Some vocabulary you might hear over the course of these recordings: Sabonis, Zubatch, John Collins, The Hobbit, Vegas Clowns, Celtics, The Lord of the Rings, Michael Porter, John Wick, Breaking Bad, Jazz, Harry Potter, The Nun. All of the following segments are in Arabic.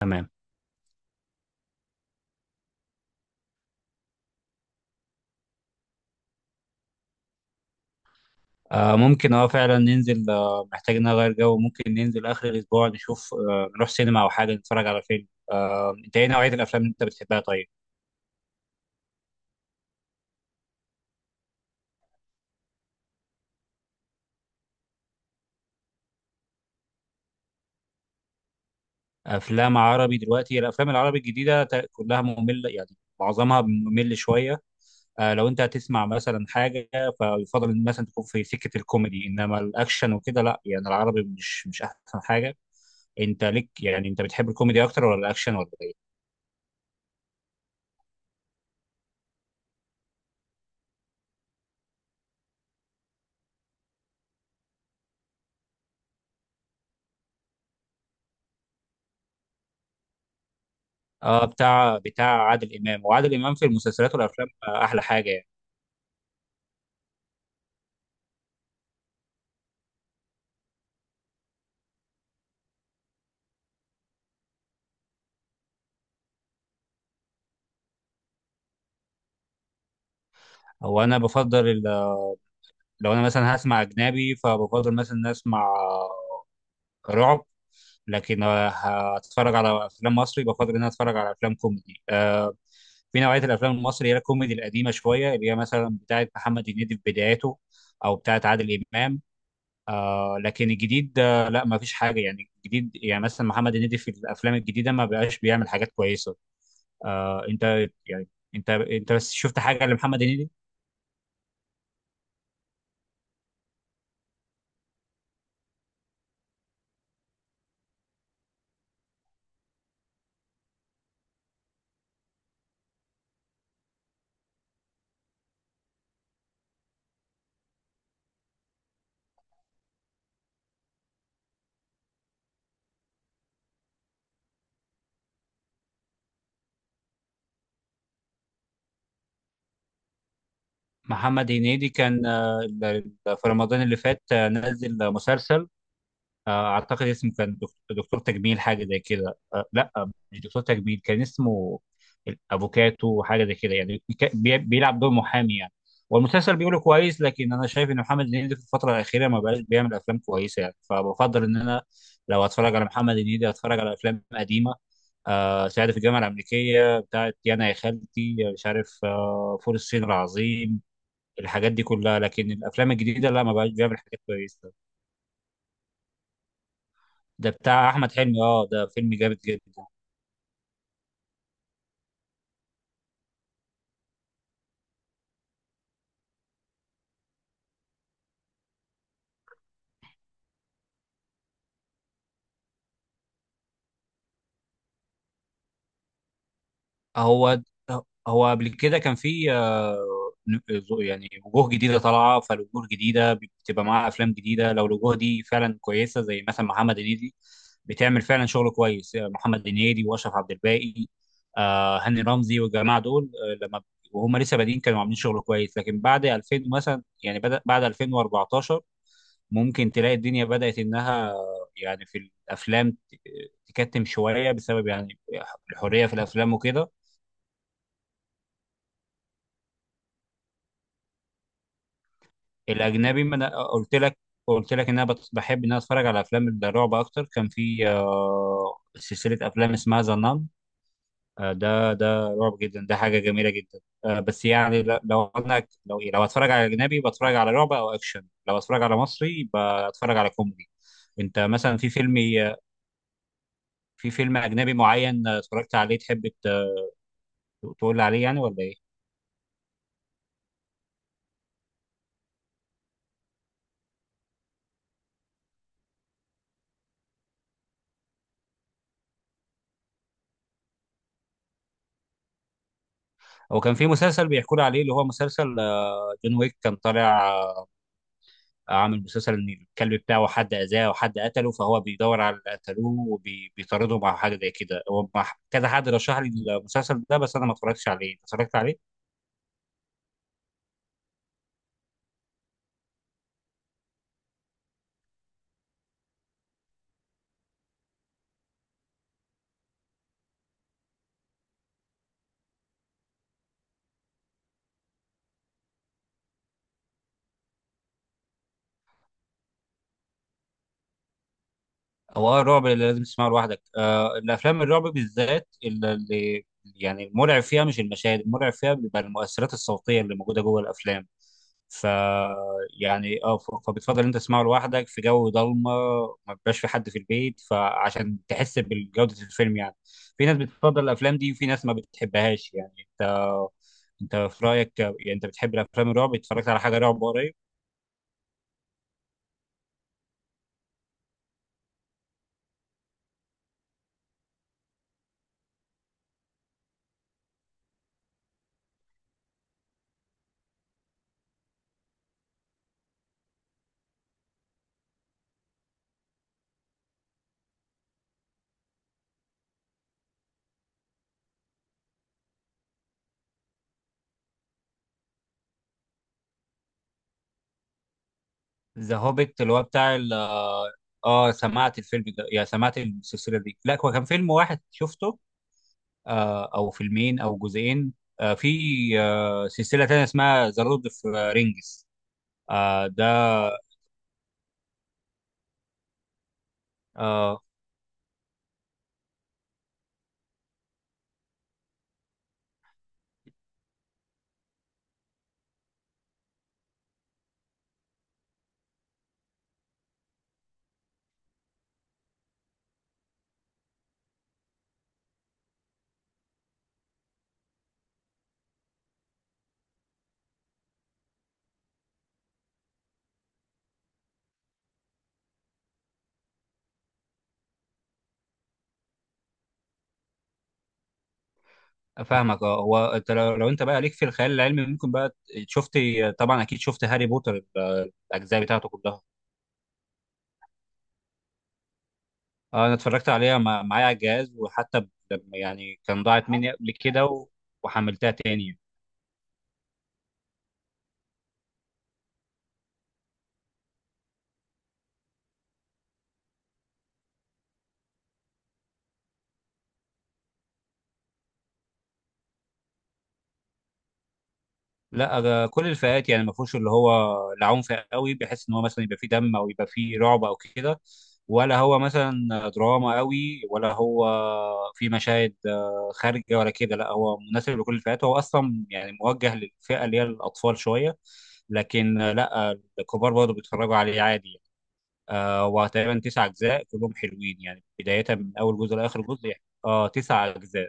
تمام. ممكن فعلا ننزل، محتاج ان أنا اغير جو. ممكن ننزل اخر الاسبوع نشوف، نروح سينما او حاجه نتفرج على فيلم. انت ايه نوعيه الافلام اللي انت بتحبها؟ طيب، افلام عربي دلوقتي، الافلام العربي الجديده كلها ممله، يعني معظمها ممل شويه. لو انت هتسمع مثلا حاجه فيفضل ان مثلا تكون في سكه الكوميدي، انما الاكشن وكده لا، يعني العربي مش احسن حاجه. انت ليك، يعني انت بتحب الكوميدي اكتر ولا الاكشن ولا ايه؟ اه، بتاع عادل امام، وعادل امام في المسلسلات والافلام، احلى حاجه يعني. هو انا بفضل، لو انا مثلا هسمع اجنبي فبفضل مثلا إن اسمع رعب. لكن هتفرج على افلام مصري بفضل ان انا اتفرج على افلام كوميدي. في نوعيه الافلام المصري، هي الكوميدي القديمه شويه، اللي هي مثلا بتاعه محمد هنيدي في بداياته، او بتاعه عادل امام. لكن الجديد، لا ما فيش حاجه. يعني الجديد يعني مثلا محمد هنيدي في الافلام الجديده ما بقاش بيعمل حاجات كويسه. انت، يعني انت بس شفت حاجه لمحمد هنيدي؟ محمد هنيدي كان، في رمضان اللي فات، نزل مسلسل. اعتقد اسمه كان دكتور تجميل، حاجه زي كده. لا، مش دكتور تجميل كان اسمه، الافوكاتو حاجه زي كده، يعني بيلعب دور محامي يعني. والمسلسل بيقوله كويس، لكن انا شايف ان محمد هنيدي في الفتره الاخيره ما بقاش بيعمل افلام كويسه، يعني فبفضل ان انا لو اتفرج على محمد هنيدي اتفرج على افلام قديمه. سعيد في الجامعه الامريكيه، بتاعت يانا يا خالتي مش عارف، فول الصين العظيم، الحاجات دي كلها. لكن الافلام الجديده لا، ما بقاش بيعمل حاجات كويسه. ده بتاع احمد حلمي، اه ده فيلم جامد جدا. هو هو قبل كده كان في، يعني وجوه جديده طالعه، فالوجوه الجديده بتبقى معاها افلام جديده لو الوجوه دي فعلا كويسه، زي مثلا محمد هنيدي بتعمل فعلا شغل كويس. محمد هنيدي واشرف عبد الباقي، هاني رمزي والجماعه دول، لما وهم لسه بادئين كانوا عاملين شغل كويس. لكن بعد 2000 مثلا، يعني بدأ بعد 2014 ممكن تلاقي الدنيا بدأت إنها، يعني في الأفلام تكتم شوية، بسبب يعني الحرية في الأفلام وكده. الأجنبي ما أنا قلت لك، قلت لك إن أنا بحب إن أنا أتفرج على أفلام الرعب أكتر. كان في سلسلة أفلام اسمها ذا نان، ده رعب جدا، ده حاجة جميلة جدا. بس يعني لو أنا لو إيه، لو أتفرج على أجنبي بتفرج على رعب أو أكشن، لو أتفرج على مصري بتفرج على كوميدي. أنت مثلا في فيلم، في فيلم أجنبي معين اتفرجت عليه تحب تقول لي عليه، يعني ولا ايه؟ هو كان في مسلسل بيحكوا لي عليه، اللي هو مسلسل جون ويك، كان طالع عامل مسلسل ان الكلب بتاعه حد اذاه وحد قتله، فهو بيدور على اللي قتلوه وبيطارده، مع حاجه زي كده. هو كذا حد رشح لي المسلسل ده، بس انا ما اتفرجتش عليه. أنت اتفرجت عليه؟ هو الرعب اللي لازم تسمعه لوحدك. الافلام الرعب بالذات، اللي يعني المرعب فيها مش المشاهد، المرعب فيها بيبقى المؤثرات الصوتيه اللي موجوده جوه الافلام. ف يعني اه، فبتفضل انت تسمعه لوحدك في جو ضلمه، ما بيبقاش في حد في البيت، فعشان تحس بجوده الفيلم يعني. في ناس بتفضل الافلام دي، وفي ناس ما بتحبهاش، يعني انت، انت في رايك، يعني انت بتحب الافلام الرعب؟ اتفرجت على حاجه رعب قريب؟ ذا هوبيت اللي هو بتاع، اه سمعت الفيلم ده، يعني سمعت السلسله دي. لا، هو كان فيلم واحد شفته، او فيلمين او جزئين. في، سلسله تانية اسمها ذا لورد اوف رينجز، ده، آه فاهمك. اه، هو انت لو، لو انت بقى ليك في الخيال العلمي، ممكن بقى شفت، طبعا اكيد شفت هاري بوتر، الاجزاء بتاعته كلها. انا اتفرجت عليها، معايا على الجهاز، وحتى لما، يعني كان ضاعت مني قبل كده وحملتها تاني. لا، كل الفئات، يعني ما فيهوش اللي هو العنف قوي بحيث ان هو مثلا يبقى فيه دم او يبقى فيه رعب او كده، ولا هو مثلا دراما قوي، ولا هو في مشاهد خارجه ولا كده. لا، هو مناسب لكل الفئات، هو اصلا يعني موجه للفئه اللي هي الاطفال شويه. لكن لا الكبار برضه بيتفرجوا عليه عادي يعني. وتقريبا تسع اجزاء كلهم حلوين، يعني بدايه من اول جزء لاخر جزء، يعني اه تسع اجزاء.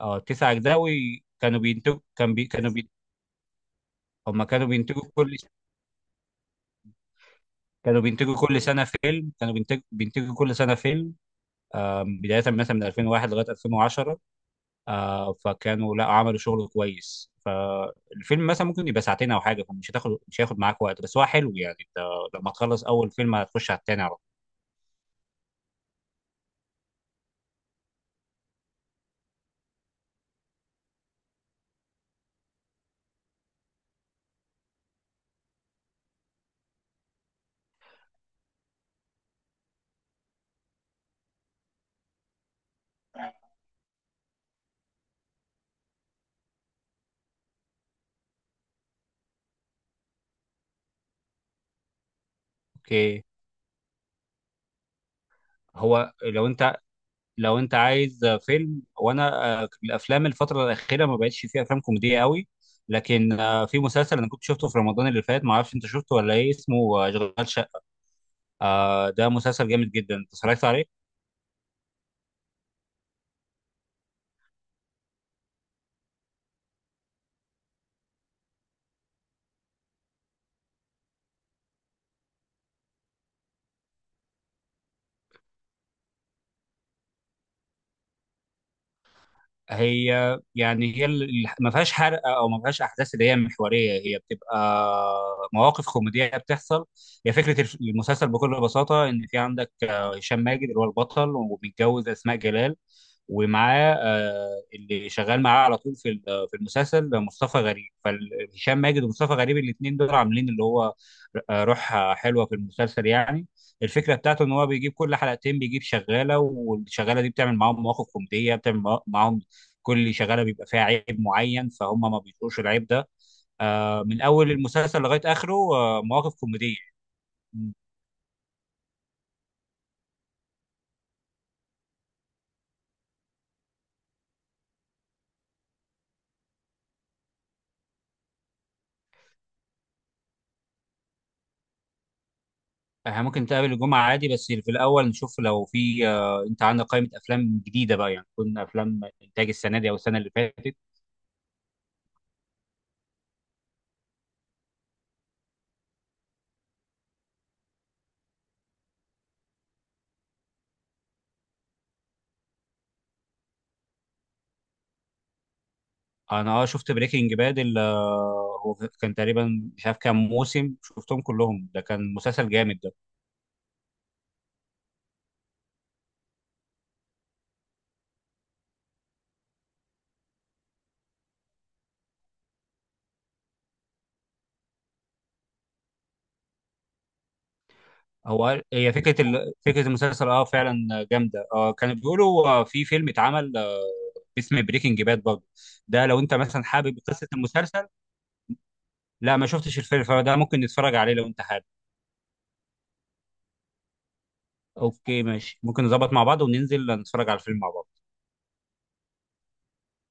اه تسع اجزاء، وكانوا بينتجوا، كان هم كانوا بينتجوا كل، كانوا بينتجوا كل سنه فيلم، كانوا بينتجوا كل سنه فيلم. آم، بدايه مثلا من 2001 لغايه 2010. فكانوا لا عملوا شغل كويس. فالفيلم مثلا ممكن يبقى ساعتين او حاجه، فمش هتاخد، مش هياخد معاك وقت، بس هو حلو يعني، انت لما تخلص اول فيلم هتخش على التاني على طول. اوكي. هو لو انت، لو انت عايز فيلم، وانا، الافلام الفتره الاخيره ما بقتش فيها افلام كوميديه قوي. لكن في مسلسل انا كنت شفته في رمضان اللي فات، ما اعرفش انت شفته ولا ايه. اسمه، آه، اشغال. ده مسلسل جامد جدا، انت اتفرجت عليه؟ هي يعني ما فيهاش حرق، او ما فيهاش احداث اللي هي محوريه، هي بتبقى مواقف كوميديه بتحصل. هي فكره المسلسل بكل بساطه، ان في عندك هشام ماجد اللي هو البطل ومتجوز اسماء جلال. ومعاه اللي شغال معاه على طول في في المسلسل مصطفى غريب. فهشام ماجد ومصطفى غريب الاثنين دول عاملين اللي هو، روح حلوه في المسلسل يعني. الفكره بتاعته ان هو بيجيب كل حلقتين بيجيب شغاله، والشغاله دي بتعمل معاهم مواقف كوميديه، بتعمل معاهم كل شغاله بيبقى فيها عيب معين، فهم ما بيطلقوش العيب ده. من اول المسلسل لغايه اخره مواقف كوميديه. م. احنا ممكن نتقابل الجمعه عادي، بس في الاول نشوف، لو في انت عندك قائمه افلام جديده بقى، يعني تكون افلام انتاج السنه دي او السنه اللي فاتت. انا اه شفت بريكنج باد، هو كان تقريبا مش عارف كام موسم شفتهم كلهم، ده كان مسلسل جامد. هي فكره فكره المسلسل اه فعلا جامده. اه كانوا بيقولوا في فيلم اتعمل اسمه بريكنج باد برضه، ده لو انت مثلا حابب قصه المسلسل. لا، ما شفتش الفيلم، فده ممكن نتفرج عليه لو انت حابب. اوكي ماشي، ممكن نظبط مع بعض وننزل نتفرج على الفيلم مع بعض.